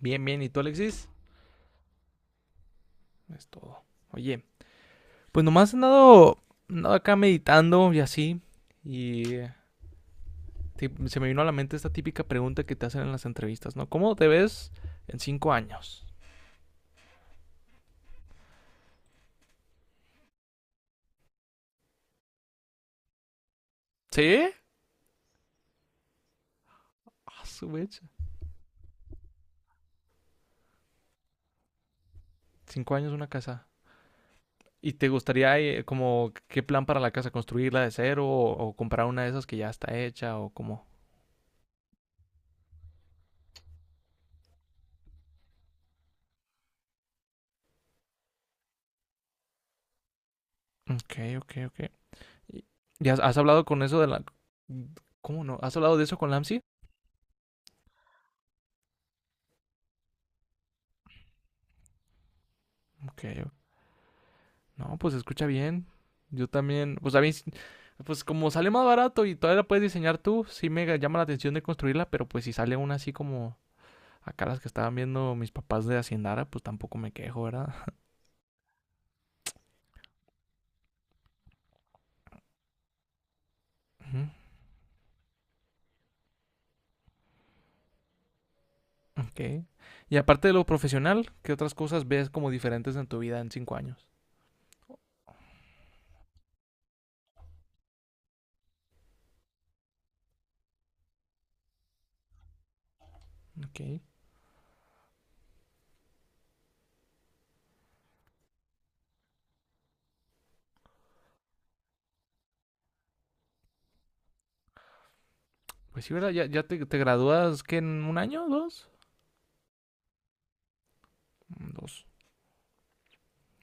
Bien, bien. ¿Y tú, Alexis? Es todo. Oye, pues nomás he andado acá meditando y así. Y se me vino a la mente esta típica pregunta que te hacen en las entrevistas, ¿no? ¿Cómo te ves en cinco años? ¿Sí? Ah, su mecha. Cinco años una casa. ¿Y te gustaría, como, qué plan para la casa? ¿Construirla de cero o comprar una de esas que ya está hecha o cómo? Ok, ok, ok. ¿Y y has hablado con eso de la... ¿Cómo no? ¿Has hablado de eso con Lamsi? Ok. No, pues se escucha bien. Yo también, pues a mí, pues como sale más barato y todavía la puedes diseñar tú, sí me llama la atención de construirla, pero pues si sale una así como acá las que estaban viendo mis papás de Haciendara, pues tampoco me quejo, ¿verdad? Ujú. Ok. Y aparte de lo profesional, ¿qué otras cosas ves como diferentes en tu vida en cinco años? Ok. Pues sí, ¿verdad? Ya te gradúas, ¿qué? ¿En un año? ¿Dos? Mm. Dos.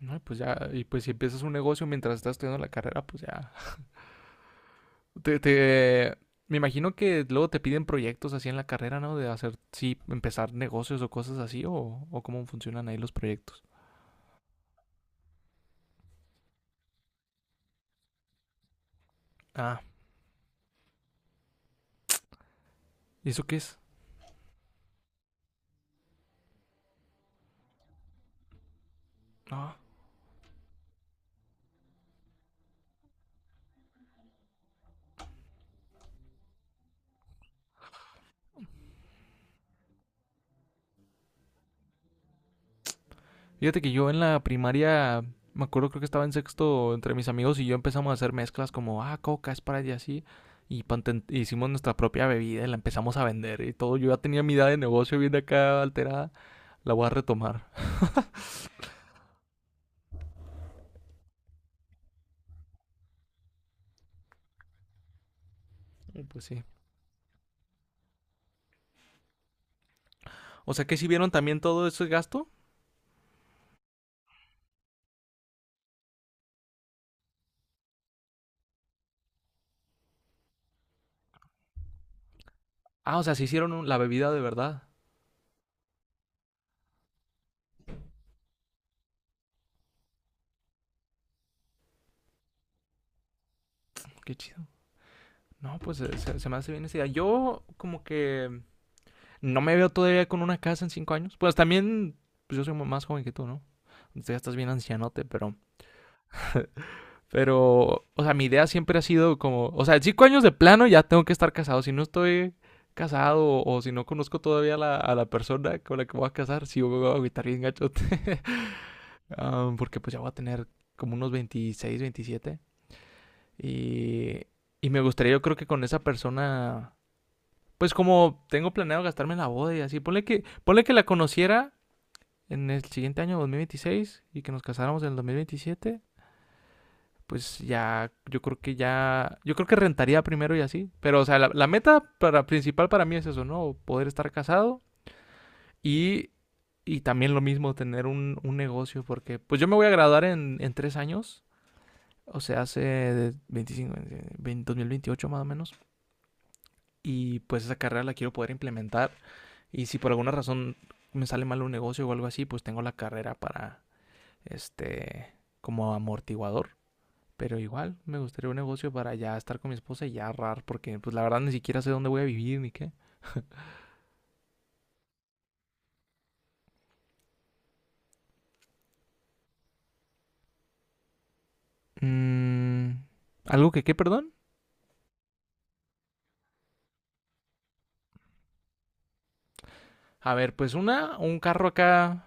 No, y pues ya, y pues si empiezas un negocio mientras estás estudiando la carrera, pues ya Te, te- me imagino que luego te piden proyectos así en la carrera, ¿no? De hacer, sí, empezar negocios o cosas así, o cómo funcionan ahí los proyectos. Ah, ¿y eso qué es? Ah. Fíjate que yo en la primaria, me acuerdo creo que estaba en sexto, entre mis amigos y yo empezamos a hacer mezclas como, coca, es para y así. Y hicimos nuestra propia bebida y la empezamos a vender y todo. Yo ya tenía mi edad de negocio bien acá alterada. La voy a retomar. Y pues sí. O sea que si vieron también todo ese gasto. Ah, o sea, se hicieron la bebida de verdad. Qué chido. No, pues se me hace bien esa idea. Yo como que no me veo todavía con una casa en cinco años. Pues también, pues yo soy más joven que tú, ¿no? Tú ya estás bien ancianote, pero... Pero, o sea, mi idea siempre ha sido como... O sea, en cinco años de plano ya tengo que estar casado. Si no estoy casado o si no conozco todavía a la persona con la que voy a casar, sí voy a agüitar bien gachote. Porque pues ya voy a tener como unos 26 veintisiete. Y, y me gustaría yo creo que con esa persona. Pues como tengo planeado gastarme en la boda y así, ponle que la conociera en el siguiente año 2026 y que nos casáramos en el 2027, pues ya, yo creo que rentaría primero y así. Pero, o sea, la meta principal para mí es eso, ¿no? Poder estar casado y, y también lo mismo, tener un negocio, porque pues yo me voy a graduar en tres años, o sea, hace 25, 20, 2028 más o menos. Y pues esa carrera la quiero poder implementar. Y si por alguna razón me sale mal un negocio o algo así, pues tengo la carrera para, este, como amortiguador. Pero igual me gustaría un negocio para ya estar con mi esposa y ya ahorrar, porque pues la verdad ni siquiera sé dónde voy a vivir ni qué. Mm. ¿Algo que qué, perdón? A ver, pues un carro acá,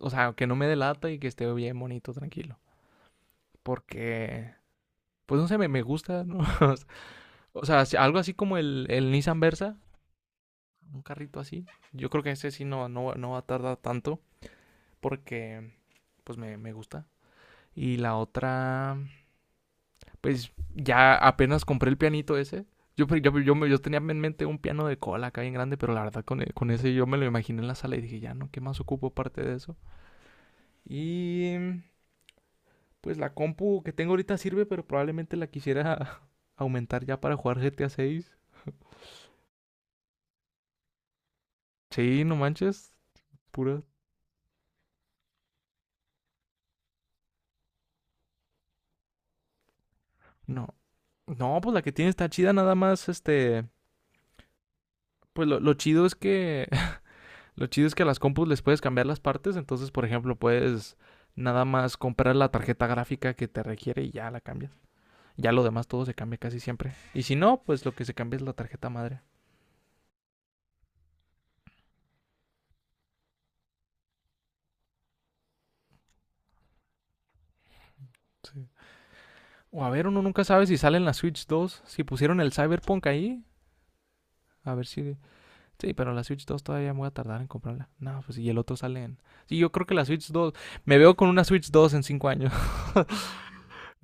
o sea, que no me delata y que esté bien bonito, tranquilo. Porque, pues no sé, me gusta, ¿no? o sea, si, algo así como el Nissan Versa, un carrito así. Yo creo que ese sí no, no, no va a tardar tanto, porque pues me gusta. Y la otra, pues ya apenas compré el pianito ese. Yo tenía en mente un piano de cola acá bien grande, pero la verdad con ese yo me lo imaginé en la sala y dije, ya no, ¿qué más ocupo aparte de eso? Y pues la compu que tengo ahorita sirve, pero probablemente la quisiera aumentar ya para jugar GTA 6. Sí, no manches, pura. No. No, pues la que tiene está chida, nada más, este... Pues lo chido es que a las compus les puedes cambiar las partes, entonces, por ejemplo, puedes nada más comprar la tarjeta gráfica que te requiere y ya la cambias. Ya lo demás todo se cambia casi siempre. Y si no, pues lo que se cambia es la tarjeta madre. Sí. O a ver, uno nunca sabe si sale en la Switch 2, si pusieron el Cyberpunk ahí, a ver si... Sí, pero la Switch 2 todavía me voy a tardar en comprarla. No, pues y el otro sale en... Sí, yo creo que la Switch dos. Me veo con una Switch 2 en 5 años.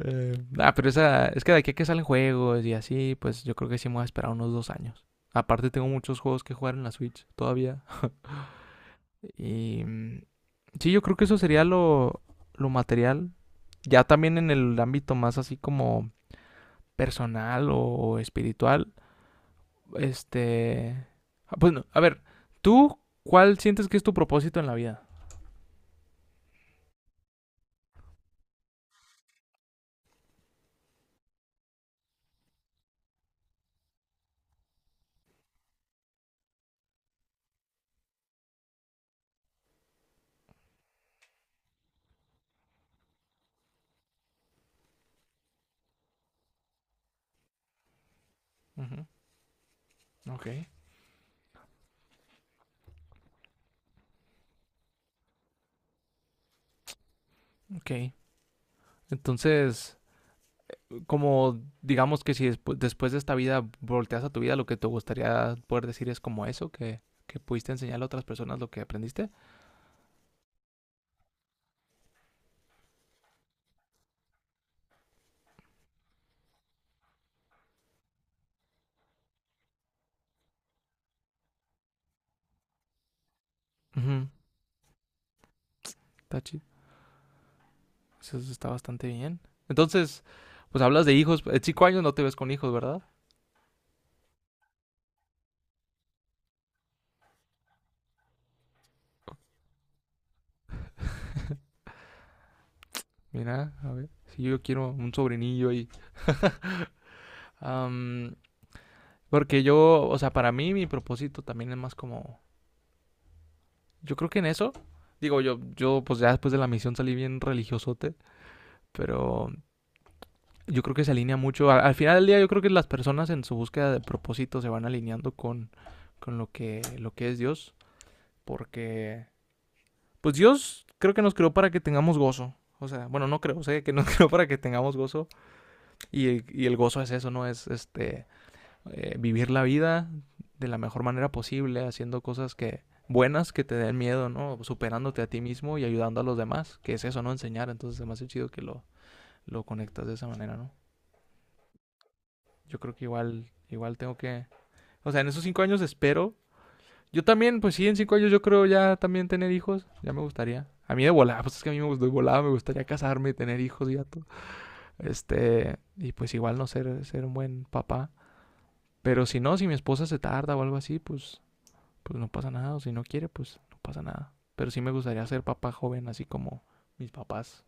Pero esa, es que de aquí a que salen juegos y así, pues yo creo que sí me voy a esperar unos dos años. Aparte tengo muchos juegos que jugar en la Switch todavía. Y sí, yo creo que eso sería lo material. Ya también en el ámbito más así como personal o espiritual. Este... pues no, a ver, ¿tú cuál sientes que es tu propósito en la vida? Ujú. Ok, ok. Entonces, como digamos que si después de esta vida volteas a tu vida, lo que te gustaría poder decir es como eso, que pudiste enseñarle a otras personas lo que aprendiste. Ujú. Está chi- Eso está bastante bien. Entonces, pues hablas de hijos. En cinco años no te ves con hijos, ¿verdad? Mira, a ver, si yo quiero un sobrinillo y... am, porque yo, o sea, para mí mi propósito también es más como... Yo creo que en eso, digo yo pues ya después de la misión salí bien religiosote, pero yo creo que se alinea mucho. Al final del día yo creo que las personas en su búsqueda de propósito se van alineando con lo que es Dios. Porque, pues Dios creo que nos creó para que tengamos gozo. O sea, bueno, no creo, sé que nos creó para que tengamos gozo. Y, y el gozo es eso, ¿no? Es este vivir la vida de la mejor manera posible, haciendo cosas que buenas que te den miedo, ¿no? Superándote a ti mismo y ayudando a los demás, que es eso, ¿no? Enseñar. Entonces es más chido que lo conectas de esa manera, ¿no? Yo creo que igual, igual tengo que... O sea, en esos cinco años espero. Yo también, pues sí, en cinco años yo creo ya también tener hijos. Ya me gustaría. A mí de volada, pues es que a mí me gustó de volada, me gustaría casarme y tener hijos y ya todo. Este, y pues igual no ser, ser un buen papá. Pero si no, si mi esposa se tarda o algo así, pues no pasa nada. O si no quiere, pues no pasa nada. Pero sí me gustaría ser papá joven, así como mis papás.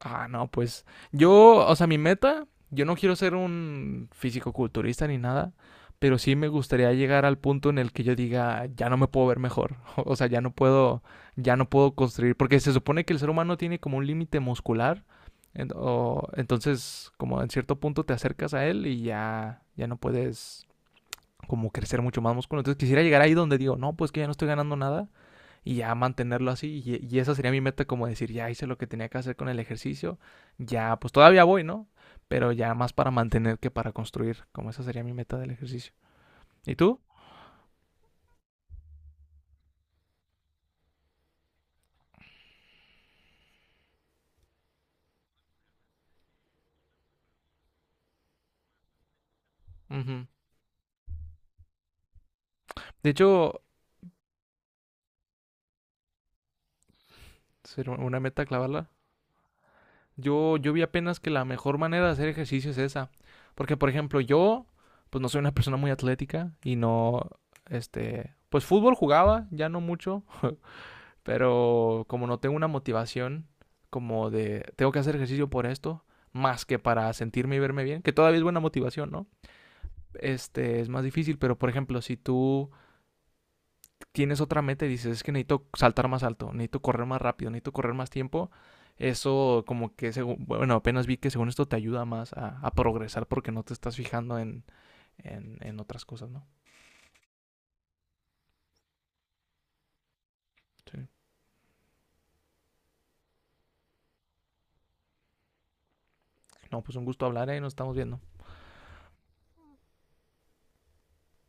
Ah, no, pues yo, o sea, mi meta, yo no quiero ser un físico-culturista ni nada, pero sí me gustaría llegar al punto en el que yo diga, ya no me puedo ver mejor, o sea, ya no puedo construir, porque se supone que el ser humano tiene como un límite muscular, entonces como en cierto punto te acercas a él y ya no puedes como crecer mucho más músculo, entonces quisiera llegar ahí donde digo, no, pues que ya no estoy ganando nada y ya mantenerlo así. Y esa sería mi meta, como decir, ya hice lo que tenía que hacer con el ejercicio, ya pues todavía voy, ¿no? Pero ya más para mantener que para construir, como esa sería mi meta del ejercicio. ¿Y tú? Uh -huh. De hecho, ser una meta clavarla. Yo vi apenas que la mejor manera de hacer ejercicio es esa. Porque, por ejemplo, yo, pues no soy una persona muy atlética y no, este, pues fútbol jugaba, ya no mucho. Pero como no tengo una motivación como de tengo que hacer ejercicio por esto, más que para sentirme y verme bien, que todavía es buena motivación, ¿no? Este es más difícil, pero por ejemplo, si tú tienes otra meta y dices es que necesito saltar más alto, necesito correr más rápido, necesito correr más tiempo, eso como que según, bueno, apenas vi que según esto te ayuda más a progresar porque no te estás fijando en, otras cosas, ¿no? Sí. No, pues un gusto hablar y ¿eh? Nos estamos viendo.